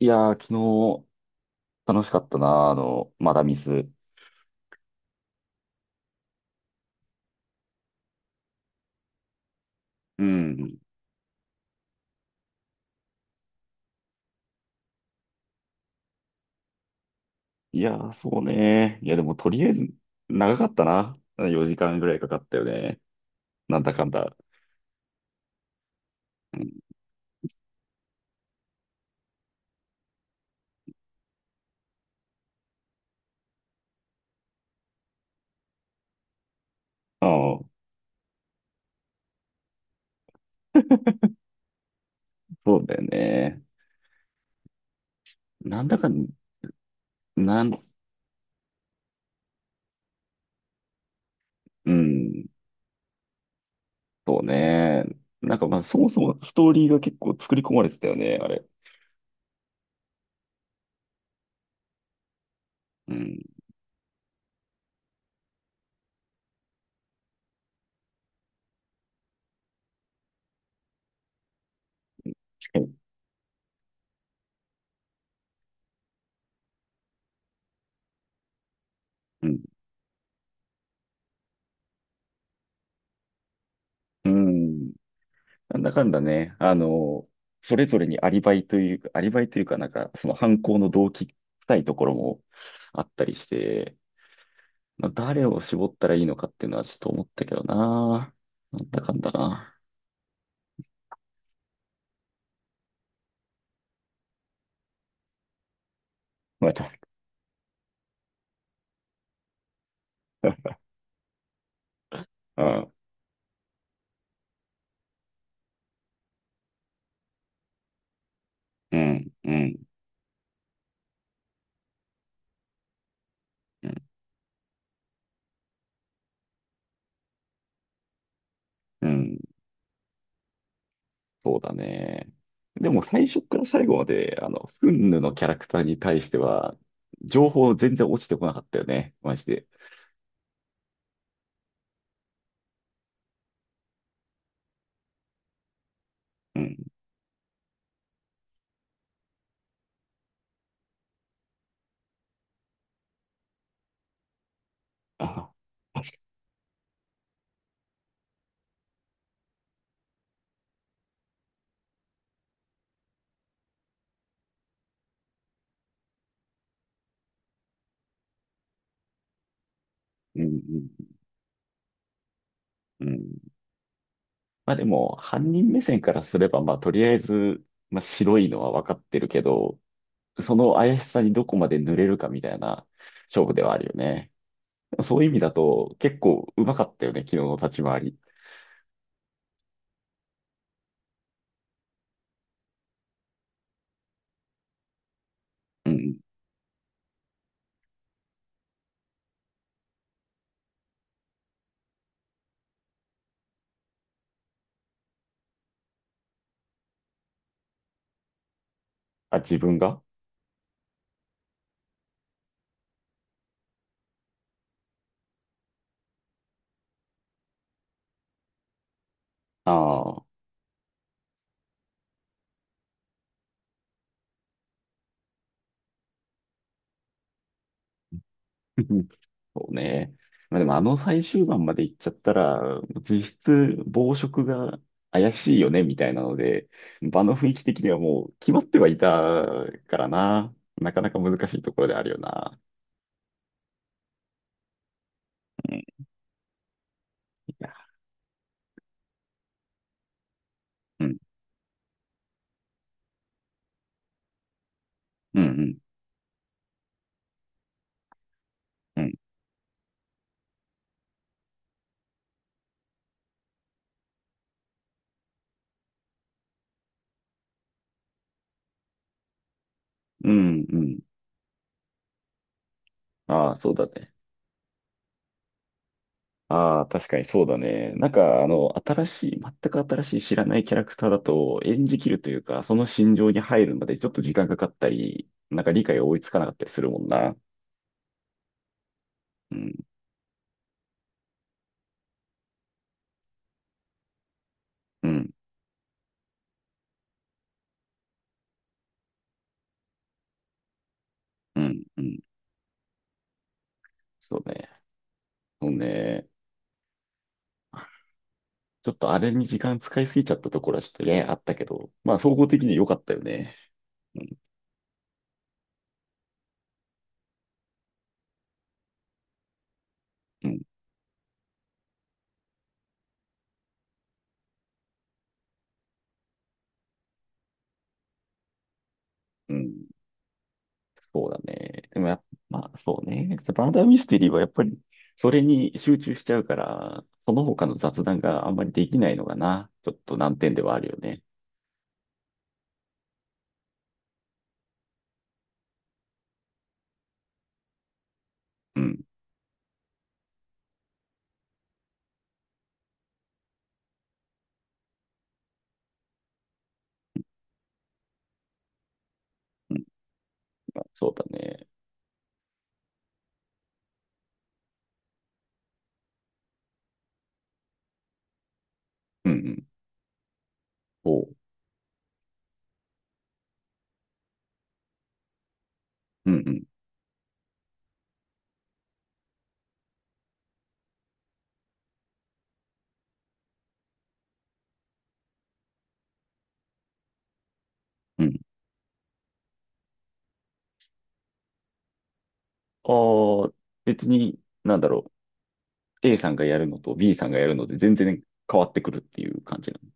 いやー、昨日楽しかったな、まだミス。うん。いやー、そうね。いや、でもとりあえず、長かったな。4時間ぐらいかかったよね。なんだかんだ。うん、ああ、そうだよね。なんだかん、なん、うん、そうね。なんかまあ、そもそもストーリーが結構作り込まれてたよね、あれ。うん、確かに。うん、うん。なんだかんだね、それぞれにアリバイというか、アリバイというかなんか、その犯行の動機深いところもあったりして、まあ、誰を絞ったらいいのかっていうのはちょっと思ったけどな。なんだかんだな。また、あ、うん、うん、うん、うん、そうだね。でも最初から最後まで、フンヌのキャラクターに対しては、情報全然落ちてこなかったよね。マジで。うん。あ、確かに。うん、うん、うん。まあでも、犯人目線からすれば、まあとりあえず、まあ白いのは分かってるけど、その怪しさにどこまで濡れるかみたいな勝負ではあるよね。そういう意味だと、結構うまかったよね、昨日の立ち回り。うん。あ、自分がああ。そうね。まあでもあの最終盤まで行っちゃったら、実質暴食が怪しいよね、みたいなので、場の雰囲気的にはもう決まってはいたからな。なかなか難しいところであるよな。いや、うん、うん、うん、うん、うん、うん。ああ、そうだね。ああ、確かにそうだね。なんか、新しい、全く新しい知らないキャラクターだと演じきるというか、その心情に入るまでちょっと時間かかったり、なんか理解が追いつかなかったりするもんな。うん、うん、うん、うん。そうね。そうね。ちょっとあれに時間使いすぎちゃったところはちょっとね、あったけど、まあ総合的に良かったよね。うん、うん、うん。そうだね。でもやっぱ、まあそうね。バーダーミステリーはやっぱりそれに集中しちゃうから、その他の雑談があんまりできないのかな。ちょっと難点ではあるよね。うん。うん、まあそうだね。うんうん。おう。うんうん。うん。ああ、別に、なんだろう。A さんがやるのと B さんがやるので全然変わってくるっていう感じなの。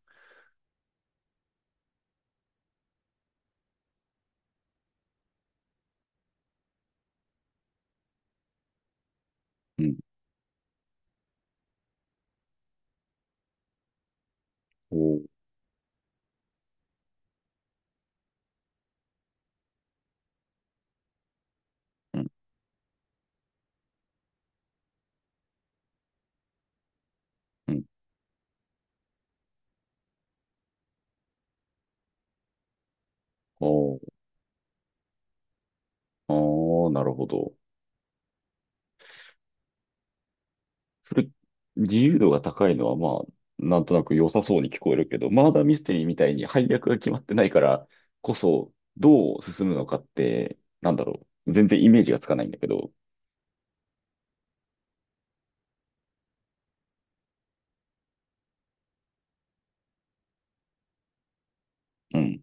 うん。おう。うんうん。おう。ああ、なるほど。それ、自由度が高いのは、まあ、なんとなく良さそうに聞こえるけど、マーダーミステリーみたいに配役が決まってないからこそ、どう進むのかって、なんだろう。全然イメージがつかないんだけど。うん、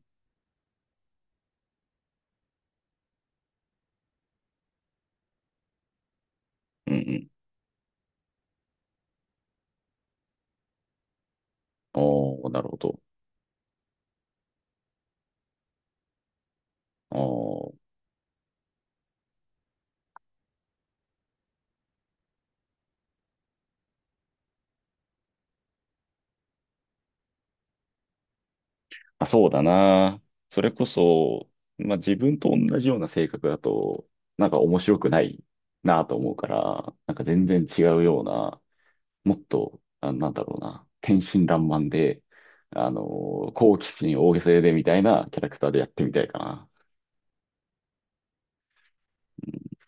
うん、うん。おー、なるほど。おー、あ、そうだな。それこそ、まあ自分と同じような性格だと、なんか面白くないなと思うから、なんか全然違うようなもっと、なんだろうな、天真爛漫で、あの好奇心大げさでみたいなキャラクターでやってみたいかな。うん、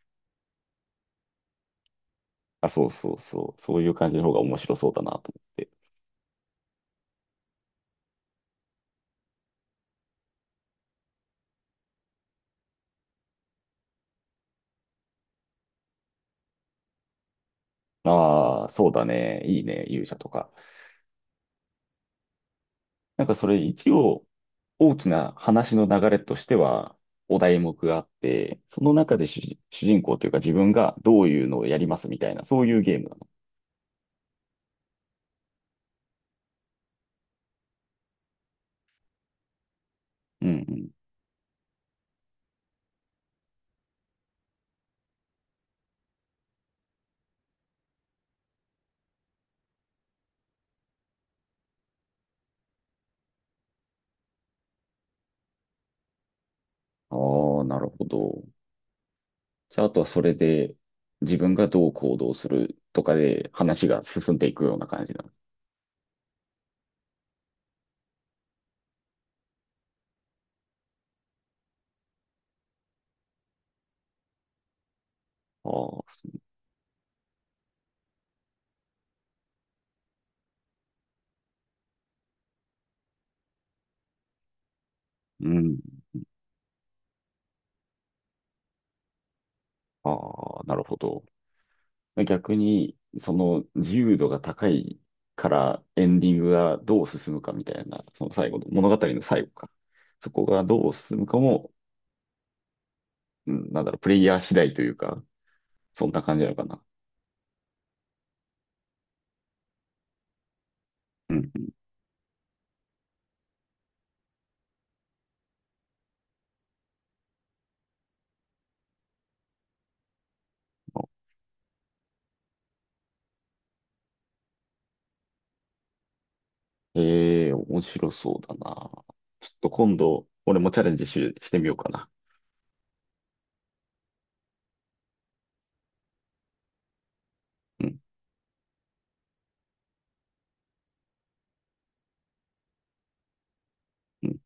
あ、そうそうそう、そういう感じの方が面白そうだなと思って。ああ、そうだね、いいね、勇者とか。なんかそれ一応大きな話の流れとしては、お題目があって、その中で主人公というか自分がどういうのをやりますみたいな、そういうゲームなの。うんうん。ああ、なるほど。じゃあ、あとはそれで自分がどう行動するとかで話が進んでいくような感じなの。ああ、うん。ああ、なるほど。逆に、その自由度が高いからエンディングがどう進むかみたいな、その最後の、物語の最後か。そこがどう進むかも、うん、なんだろう、プレイヤー次第というか、そんな感じなのかな。うん、ええー、面白そうだな。ちょっと今度、俺もチャレンジし、してみようかな。うんうん